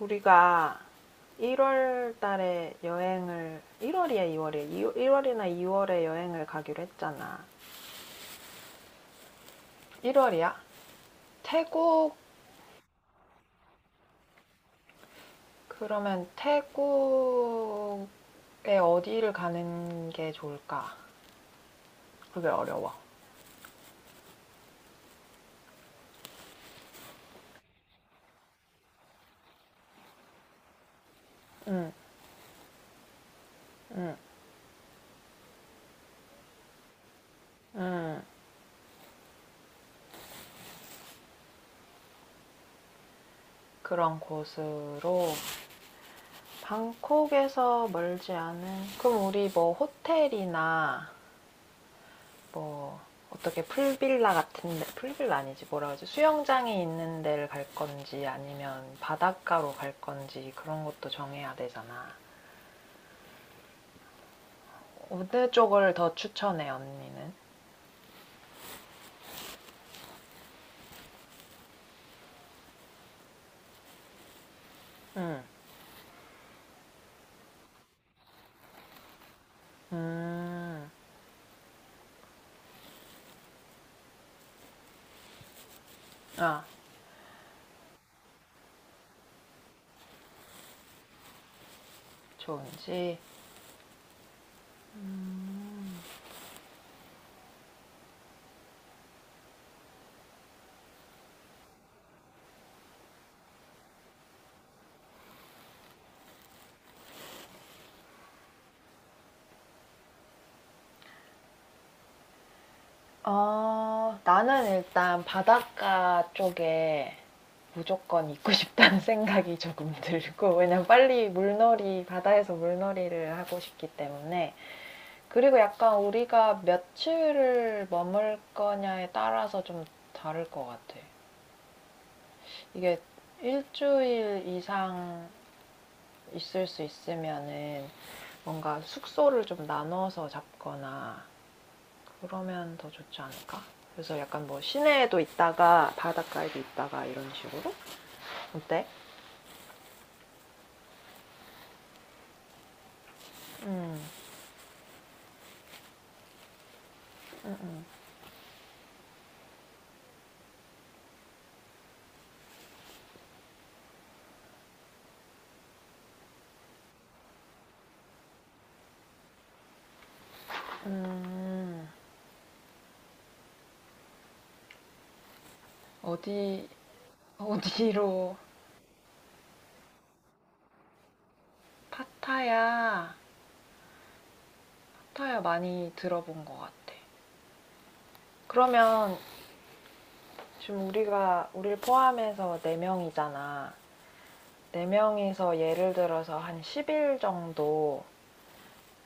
우리가 1월 달에 여행을, 1월이야 2월이야, 1월이나 2월에 여행을 가기로 했잖아. 1월이야? 태국. 그러면 태국에 어디를 가는 게 좋을까? 그게 어려워. 응응응. 그런 곳으로. 방콕에서 멀지 않은 그럼 우리 뭐 호텔이나 뭐 어떻게 풀빌라 같은데, 풀빌라 아니지, 뭐라 그러지, 수영장이 있는 데를 갈 건지 아니면 바닷가로 갈 건지 그런 것도 정해야 되잖아. 어느 쪽을 더 추천해, 언니는? 응. 음. 아, 좋은지. 음. 어, 나는 일단 바닷가 쪽에 무조건 있고 싶다는 생각이 조금 들고, 왜냐면 빨리 물놀이, 바다에서 물놀이를 하고 싶기 때문에. 그리고 약간 우리가 며칠을 머물 거냐에 따라서 좀 다를 것 같아. 이게 일주일 이상 있을 수 있으면은 뭔가 숙소를 좀 나눠서 잡거나 그러면 더 좋지 않을까? 그래서 약간 뭐 시내에도 있다가 바닷가에도 있다가 이런 식으로, 어때? 음, 음, 음, 음. 어디, 어디로? 파타야. 파타야 많이 들어본 것 같아. 그러면 지금 우리가 우리를 포함해서 4명이잖아. 4명이서 예를 들어서 한 10일 정도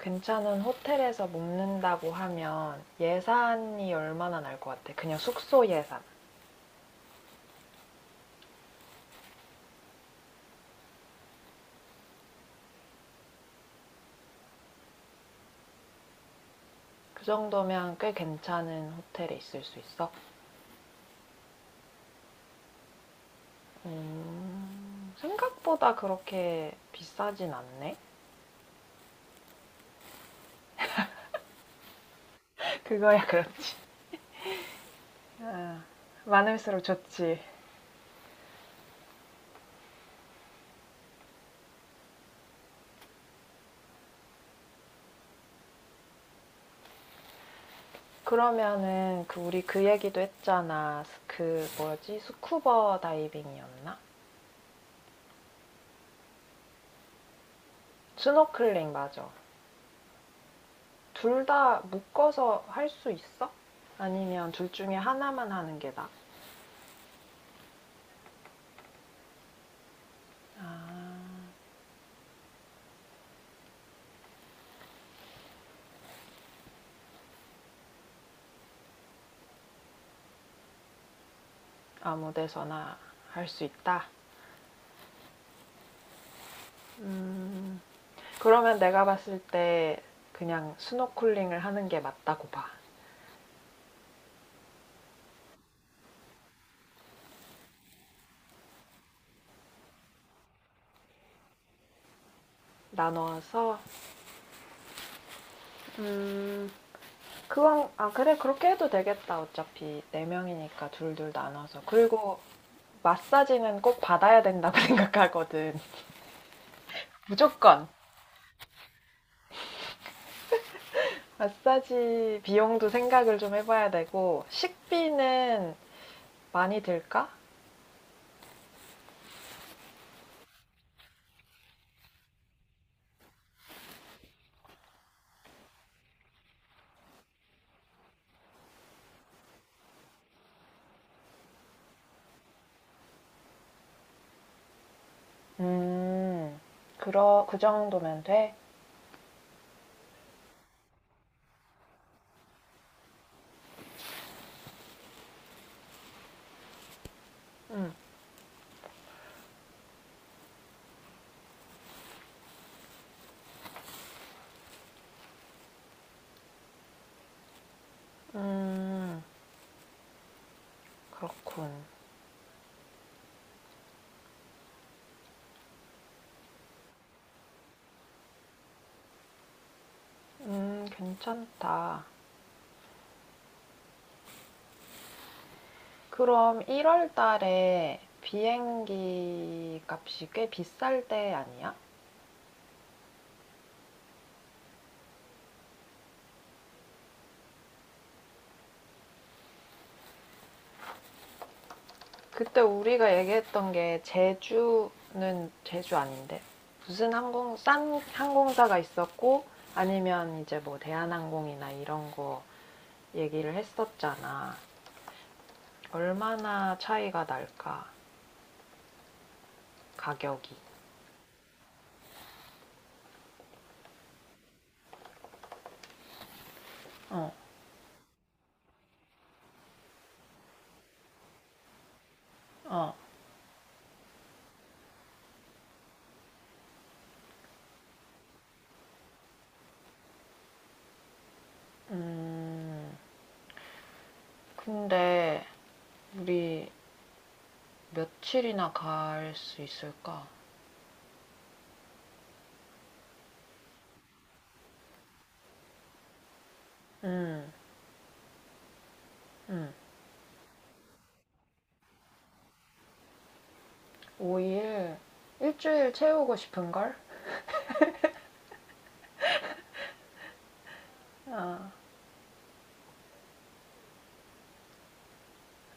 괜찮은 호텔에서 묵는다고 하면 예산이 얼마나 날 것 같아? 그냥 숙소 예산. 그 정도면 꽤 괜찮은 호텔에 있을 수 있어? 생각보다 그렇게 비싸진 않네? 그거야, 그렇지. 아, 많을수록 좋지. 그러면은 그 우리 그 얘기도 했잖아. 그 뭐였지? 스쿠버 다이빙이었나? 스노클링 맞아. 둘 다 묶어서 할 수 있어? 아니면 둘 중에 하나만 하는 게 나? 아, 아무 데서나 할 수 있다. 음, 그러면 내가 봤을 때 그냥 스노클링을 하는 게 맞다고 봐. 나눠서. 음. 그건, 아 그래, 그렇게 해도 되겠다. 어차피 네 명이니까 둘 둘 나눠서. 그리고 마사지는 꼭 받아야 된다고 생각하거든. 무조건. 마사지 비용도 생각을 좀 해봐야 되고, 식비는 많이 들까? 음, 그 정도면 돼? 음, 음, 그렇군. 괜찮다. 그럼 1월 달에 비행기 값이 꽤 비쌀 때 아니야? 그때 우리가 얘기했던 게 제주는, 제주 아닌데, 무슨 항공 싼 항공사가 있었고 아니면 이제 뭐 대한항공이나 이런 거 얘기를 했었잖아. 얼마나 차이가 날까, 가격이. 어, 어, 음. 근데 우리 며칠이나 갈 수 있을까? 음, 음. 5일, 일주일 채우고 싶은 걸? 아,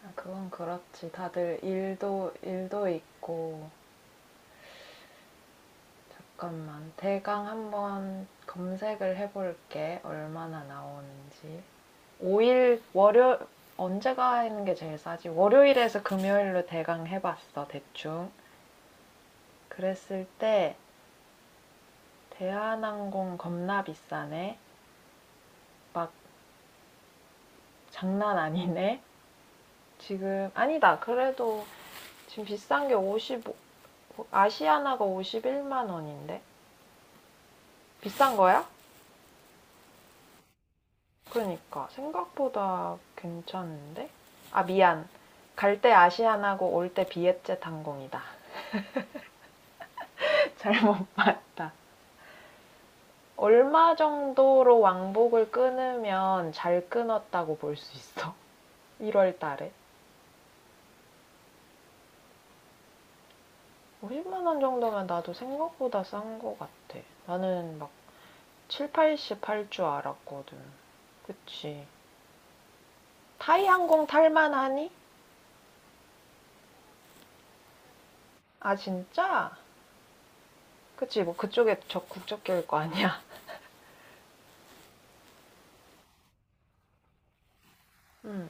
아, 그건 그렇지. 다들 일도 있고. 잠깐만, 대강 한번 검색을 해볼게, 얼마나 나오는지. 5일, 월요 언제가 하는 게 제일 싸지? 월요일에서 금요일로 대강 해봤어, 대충. 그랬을 때 대한항공 겁나 비싸네. 막 장난 아니네. 지금 아니다. 그래도 지금 비싼 게 55. 아시아나가 51만 원인데 비싼 거야? 그러니까 생각보다 괜찮은데? 아 미안. 갈 때 아시안하고 올 때 비엣젯 항공이다. 잘못 봤다. 얼마 정도로 왕복을 끊으면 잘 끊었다고 볼 수 있어? 1월 달에? 50만 원 정도면 나도 생각보다 싼 거 같아. 나는 막 7, 80 할 줄 알았거든. 그치. 타이 항공 탈만하니? 아 진짜? 그치 뭐 그쪽에 적 국적계일 거 아니야. 음.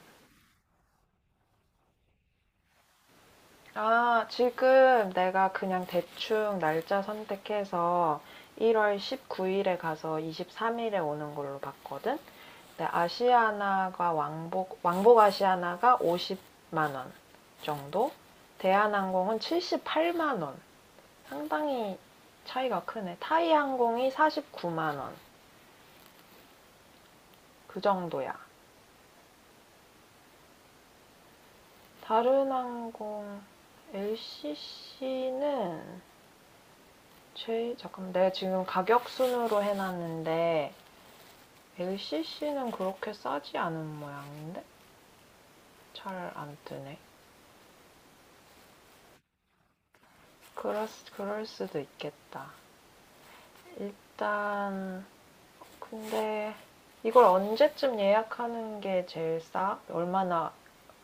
아, 지금 내가 그냥 대충 날짜 선택해서 1월 19일에 가서 23일에 오는 걸로 봤거든. 근데 아시아나가 왕복 아시아나가 50만 원 정도. 대한항공은 78만 원. 상당히 차이가 크네. 타이항공이 49만 원. 그 정도야. 다른 항공 LCC는 제 잠깐만, 내가 지금 가격 순으로 해놨는데 LCC는 그렇게 싸지 않은 모양인데 잘 안 뜨네. 그럴 수도 있겠다. 일단 근데 이걸 언제쯤 예약하는 게 제일 싸? 얼마나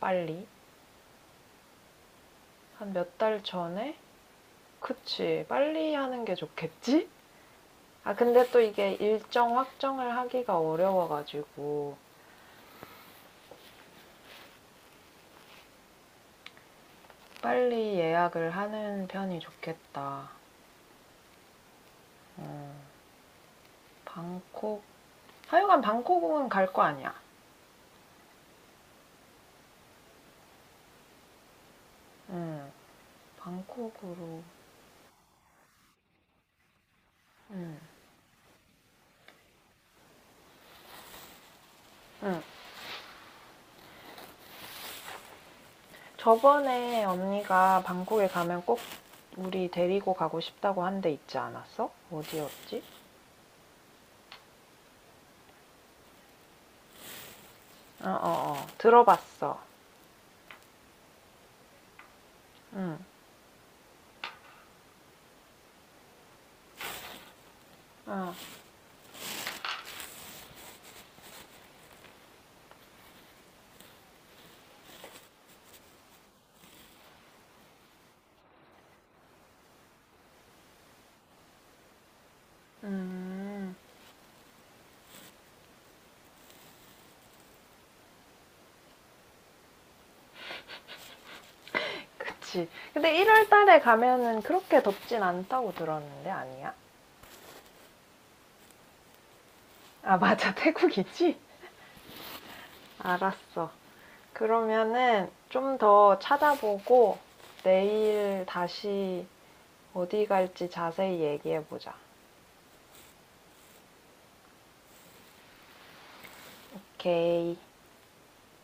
빨리? 한 몇 달 전에? 그치 빨리 하는 게 좋겠지? 아 근데 또 이게 일정 확정을 하기가 어려워가지고 빨리 예약을 하는 편이 좋겠다. 음, 방콕, 하여간 방콕은 갈 거 아니야. 응, 방콕으로. 응, 응. 저번에 언니가 방콕에 가면 꼭 우리 데리고 가고 싶다고 한데 있지 않았어? 어디였지? 어, 어, 어. 들어봤어. 응, 어, 음, 그치. 근데 1월 달에 가면은 그렇게 덥진 않다고 들었는데, 아니야? 아, 맞아. 태국이지? 알았어. 그러면은 좀 더 찾아보고 내일 다시 어디 갈지 자세히 얘기해보자. 오케이.